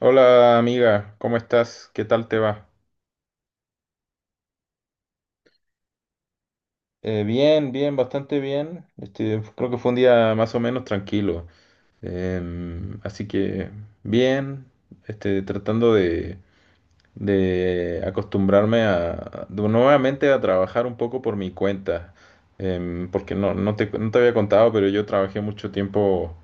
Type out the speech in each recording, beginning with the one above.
Hola amiga, ¿cómo estás? ¿Qué tal te va? Bien, bien, bastante bien. Este, creo que fue un día más o menos tranquilo. Así que bien, este, tratando de acostumbrarme a, nuevamente a trabajar un poco por mi cuenta. Porque no te había contado, pero yo trabajé mucho tiempo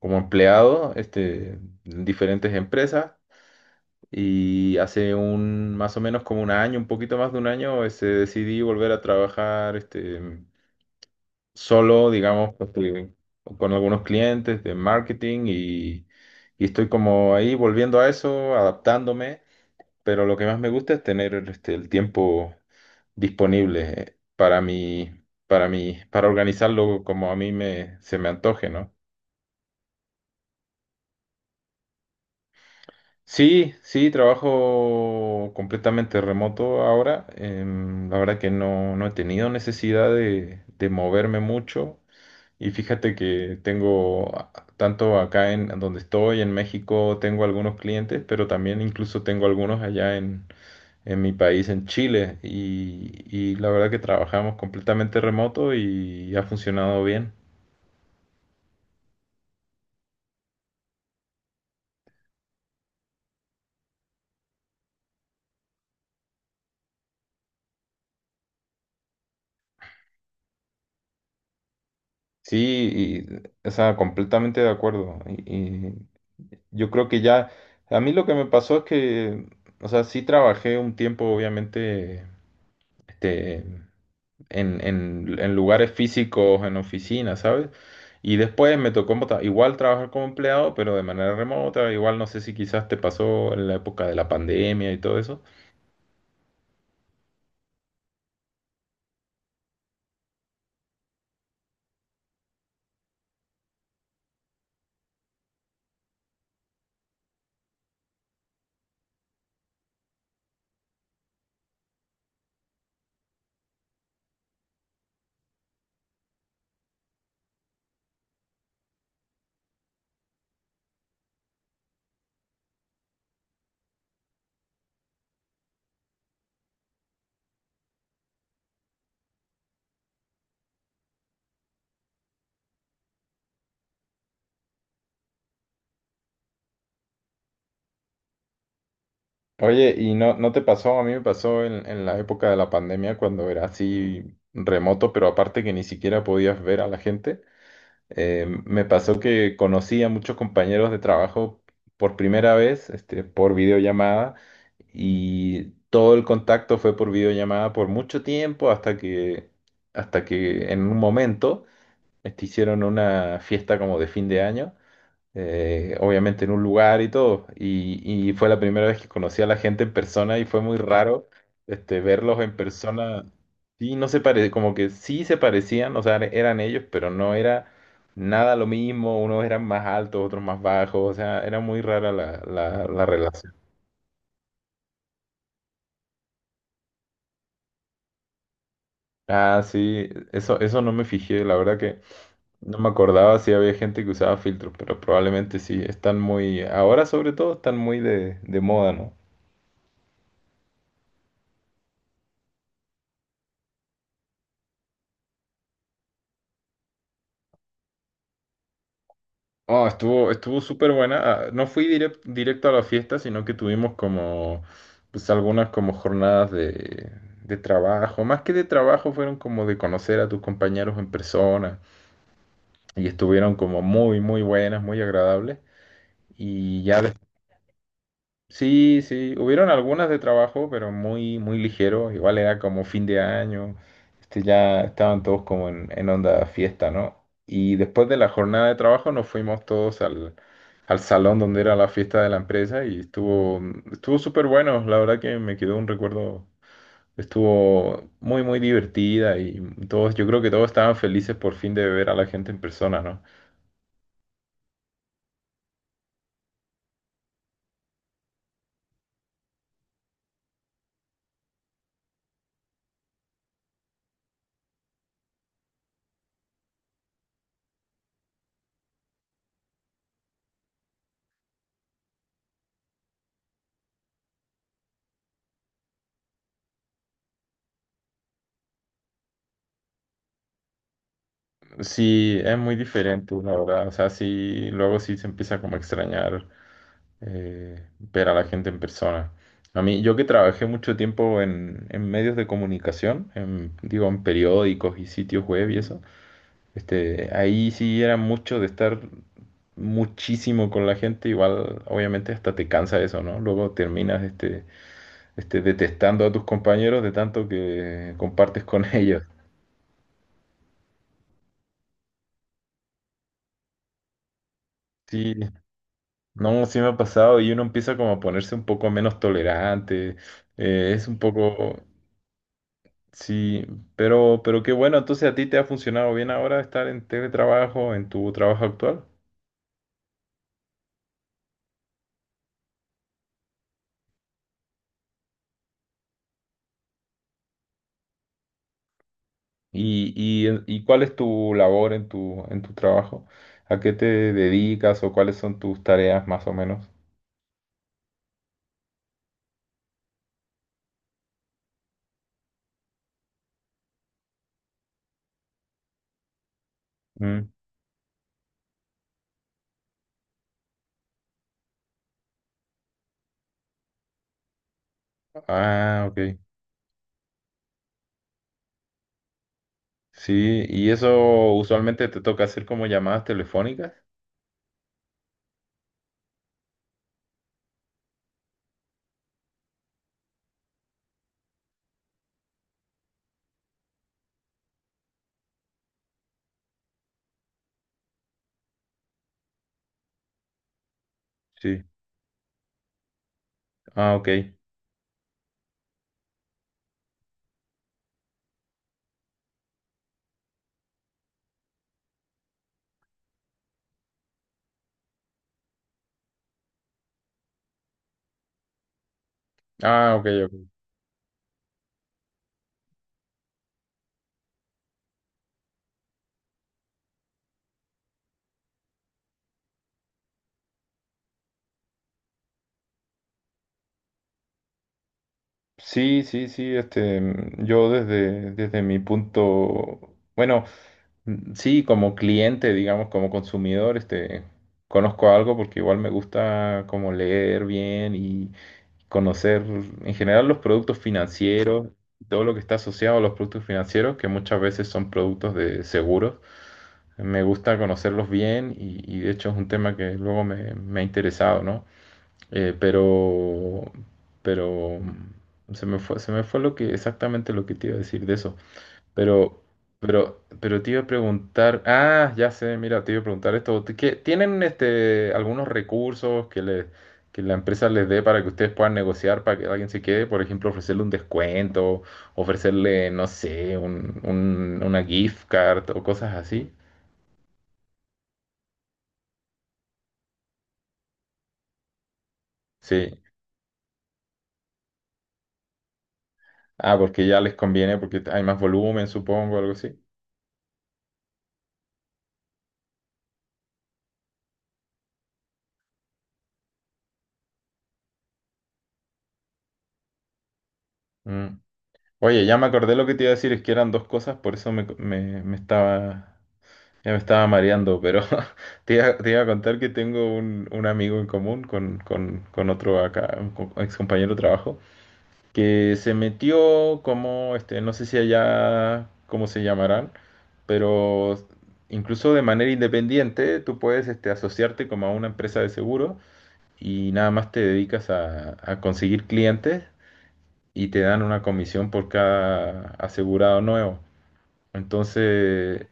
como empleado, este, en diferentes empresas. Y hace un, más o menos como un año, un poquito más de un año, este, decidí volver a trabajar este, solo, digamos, este, con algunos clientes de marketing y estoy como ahí volviendo a eso, adaptándome, pero lo que más me gusta es tener este, el tiempo disponible para mí, para mí, para organizarlo como a mí me, se me antoje, ¿no? Sí, sí, trabajo completamente remoto ahora. La verdad que no, no he tenido necesidad de moverme mucho. Y fíjate que tengo, tanto acá en donde estoy, en México, tengo algunos clientes, pero también incluso tengo algunos allá en mi país, en Chile. Y la verdad que trabajamos completamente remoto y ha funcionado bien. Sí, y, o sea, completamente de acuerdo. Y, yo creo que ya, a mí lo que me pasó es que, o sea, sí trabajé un tiempo, obviamente, este, en, en lugares físicos, en oficinas, ¿sabes? Y después me tocó igual trabajar como empleado, pero de manera remota, igual no sé si quizás te pasó en la época de la pandemia y todo eso. Oye, ¿y no, no te pasó? A mí me pasó en la época de la pandemia cuando era así remoto, pero aparte que ni siquiera podías ver a la gente. Me pasó que conocí a muchos compañeros de trabajo por primera vez, este, por videollamada, y todo el contacto fue por videollamada por mucho tiempo hasta que en un momento este, hicieron una fiesta como de fin de año obviamente en un lugar y todo. Y fue la primera vez que conocí a la gente en persona y fue muy raro este, verlos en persona. Sí, no se pare, como que sí se parecían, o sea, eran ellos, pero no era nada lo mismo. Unos eran más altos, otros más bajos, o sea, era muy rara la relación. Ah, sí, eso no me fijé, la verdad que no me acordaba si había gente que usaba filtros, pero probablemente sí, están muy, ahora sobre todo están muy de moda, ¿no? Oh, estuvo, estuvo súper buena. Ah, no fui directo a la fiesta, sino que tuvimos como, pues algunas como jornadas de trabajo. Más que de trabajo, fueron como de conocer a tus compañeros en persona. Y estuvieron como muy, muy buenas, muy agradables. Y ya sí, sí, hubieron algunas de trabajo, pero muy, muy ligero. Igual era como fin de año, este, ya estaban todos como en onda fiesta, ¿no? Y después de la jornada de trabajo nos fuimos todos al, al salón donde era la fiesta de la empresa y estuvo, estuvo súper bueno. La verdad que me quedó un recuerdo, estuvo muy, muy divertida y todos, yo creo que todos estaban felices por fin de ver a la gente en persona, ¿no? Sí, es muy diferente, la verdad. O sea, sí, luego sí se empieza como a extrañar ver a la gente en persona. A mí, yo que trabajé mucho tiempo en medios de comunicación, en, digo, en periódicos y sitios web y eso, este, ahí sí era mucho de estar muchísimo con la gente, igual obviamente hasta te cansa eso, ¿no? Luego terminas este, detestando a tus compañeros de tanto que compartes con ellos. Sí, no, sí me ha pasado y uno empieza como a ponerse un poco menos tolerante, es un poco, sí, pero qué bueno, entonces a ti te ha funcionado bien ahora estar en teletrabajo, en tu trabajo actual. Y cuál es tu labor en tu trabajo? ¿A qué te dedicas o cuáles son tus tareas más o menos? Mm, ah, ok. Sí, y eso usualmente te toca hacer como llamadas telefónicas. Sí. Ah, ok. Ah, ok, ok. Sí, sí, sí, este, mm, yo desde, desde mi punto, bueno, mm, sí, como cliente, digamos, como consumidor, este, conozco algo porque igual me gusta como leer bien y conocer en general los productos financieros, todo lo que está asociado a los productos financieros, que muchas veces son productos de seguros. Me gusta conocerlos bien y de hecho es un tema que luego me, me ha interesado, ¿no? Eh, pero, pero mm, se me fue lo que, exactamente lo que te iba a decir de eso. Pero, pero te iba a preguntar, ah, ya sé, mira, te iba a preguntar esto. ¿Tienen este algunos recursos que le, que la empresa les dé para que ustedes puedan negociar para que alguien se quede? Por ejemplo, ofrecerle un descuento, ofrecerle, no sé, un, una gift card o cosas así. Sí. Ah, porque ya les conviene, porque hay más volumen, supongo, algo así. Mm. Oye, ya me acordé lo que te iba a decir, es que eran dos cosas, por eso me, me estaba, ya me estaba mareando, pero te iba a contar que tengo un amigo en común con otro acá, un ex compañero de trabajo, que se metió como, este, no sé si allá, cómo se llamarán, pero incluso de manera independiente tú puedes, este, asociarte como a una empresa de seguro y nada más te dedicas a conseguir clientes y te dan una comisión por cada asegurado nuevo. Entonces,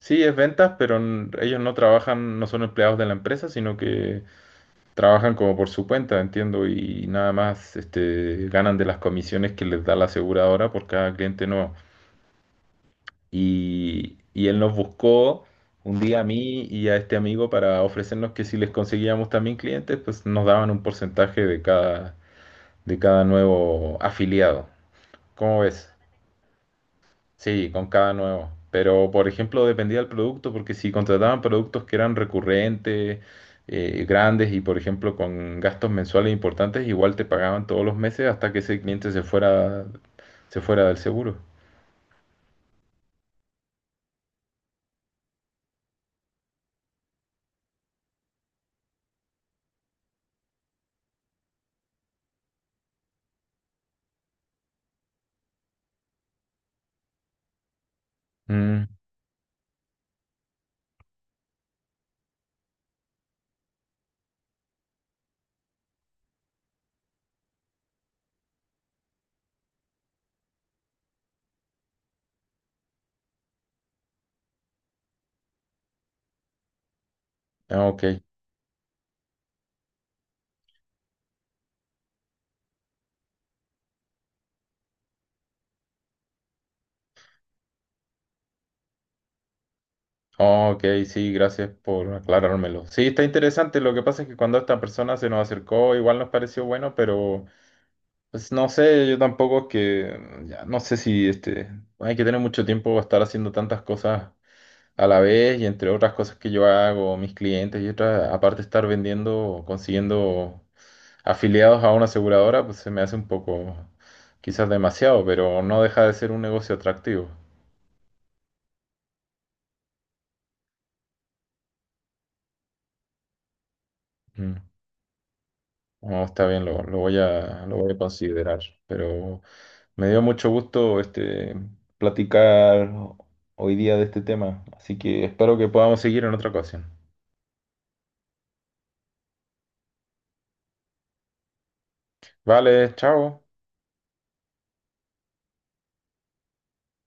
sí, es ventas, pero ellos no trabajan, no son empleados de la empresa, sino que trabajan como por su cuenta, entiendo, y nada más este, ganan de las comisiones que les da la aseguradora por cada cliente nuevo. Y él nos buscó un día a mí y a este amigo para ofrecernos que si les conseguíamos también clientes, pues nos daban un porcentaje de cada nuevo afiliado. ¿Cómo ves? Sí, con cada nuevo. Pero, por ejemplo, dependía del producto, porque si contrataban productos que eran recurrentes, grandes y, por ejemplo, con gastos mensuales importantes, igual te pagaban todos los meses hasta que ese cliente se fuera del seguro. Mm, ah, ok. Ah, ok, sí, gracias por aclarármelo. Sí, está interesante. Lo que pasa es que cuando esta persona se nos acercó, igual nos pareció bueno, pero pues no sé, yo tampoco es que, ya, no sé si este, hay que tener mucho tiempo para estar haciendo tantas cosas a la vez y entre otras cosas que yo hago, mis clientes y otras, aparte de estar vendiendo, consiguiendo afiliados a una aseguradora, pues se me hace un poco, quizás demasiado, pero no deja de ser un negocio atractivo. Mm. No, está bien, lo voy a considerar, pero me dio mucho gusto este, platicar hoy día de este tema, así que espero que podamos seguir en otra ocasión. Vale, chao.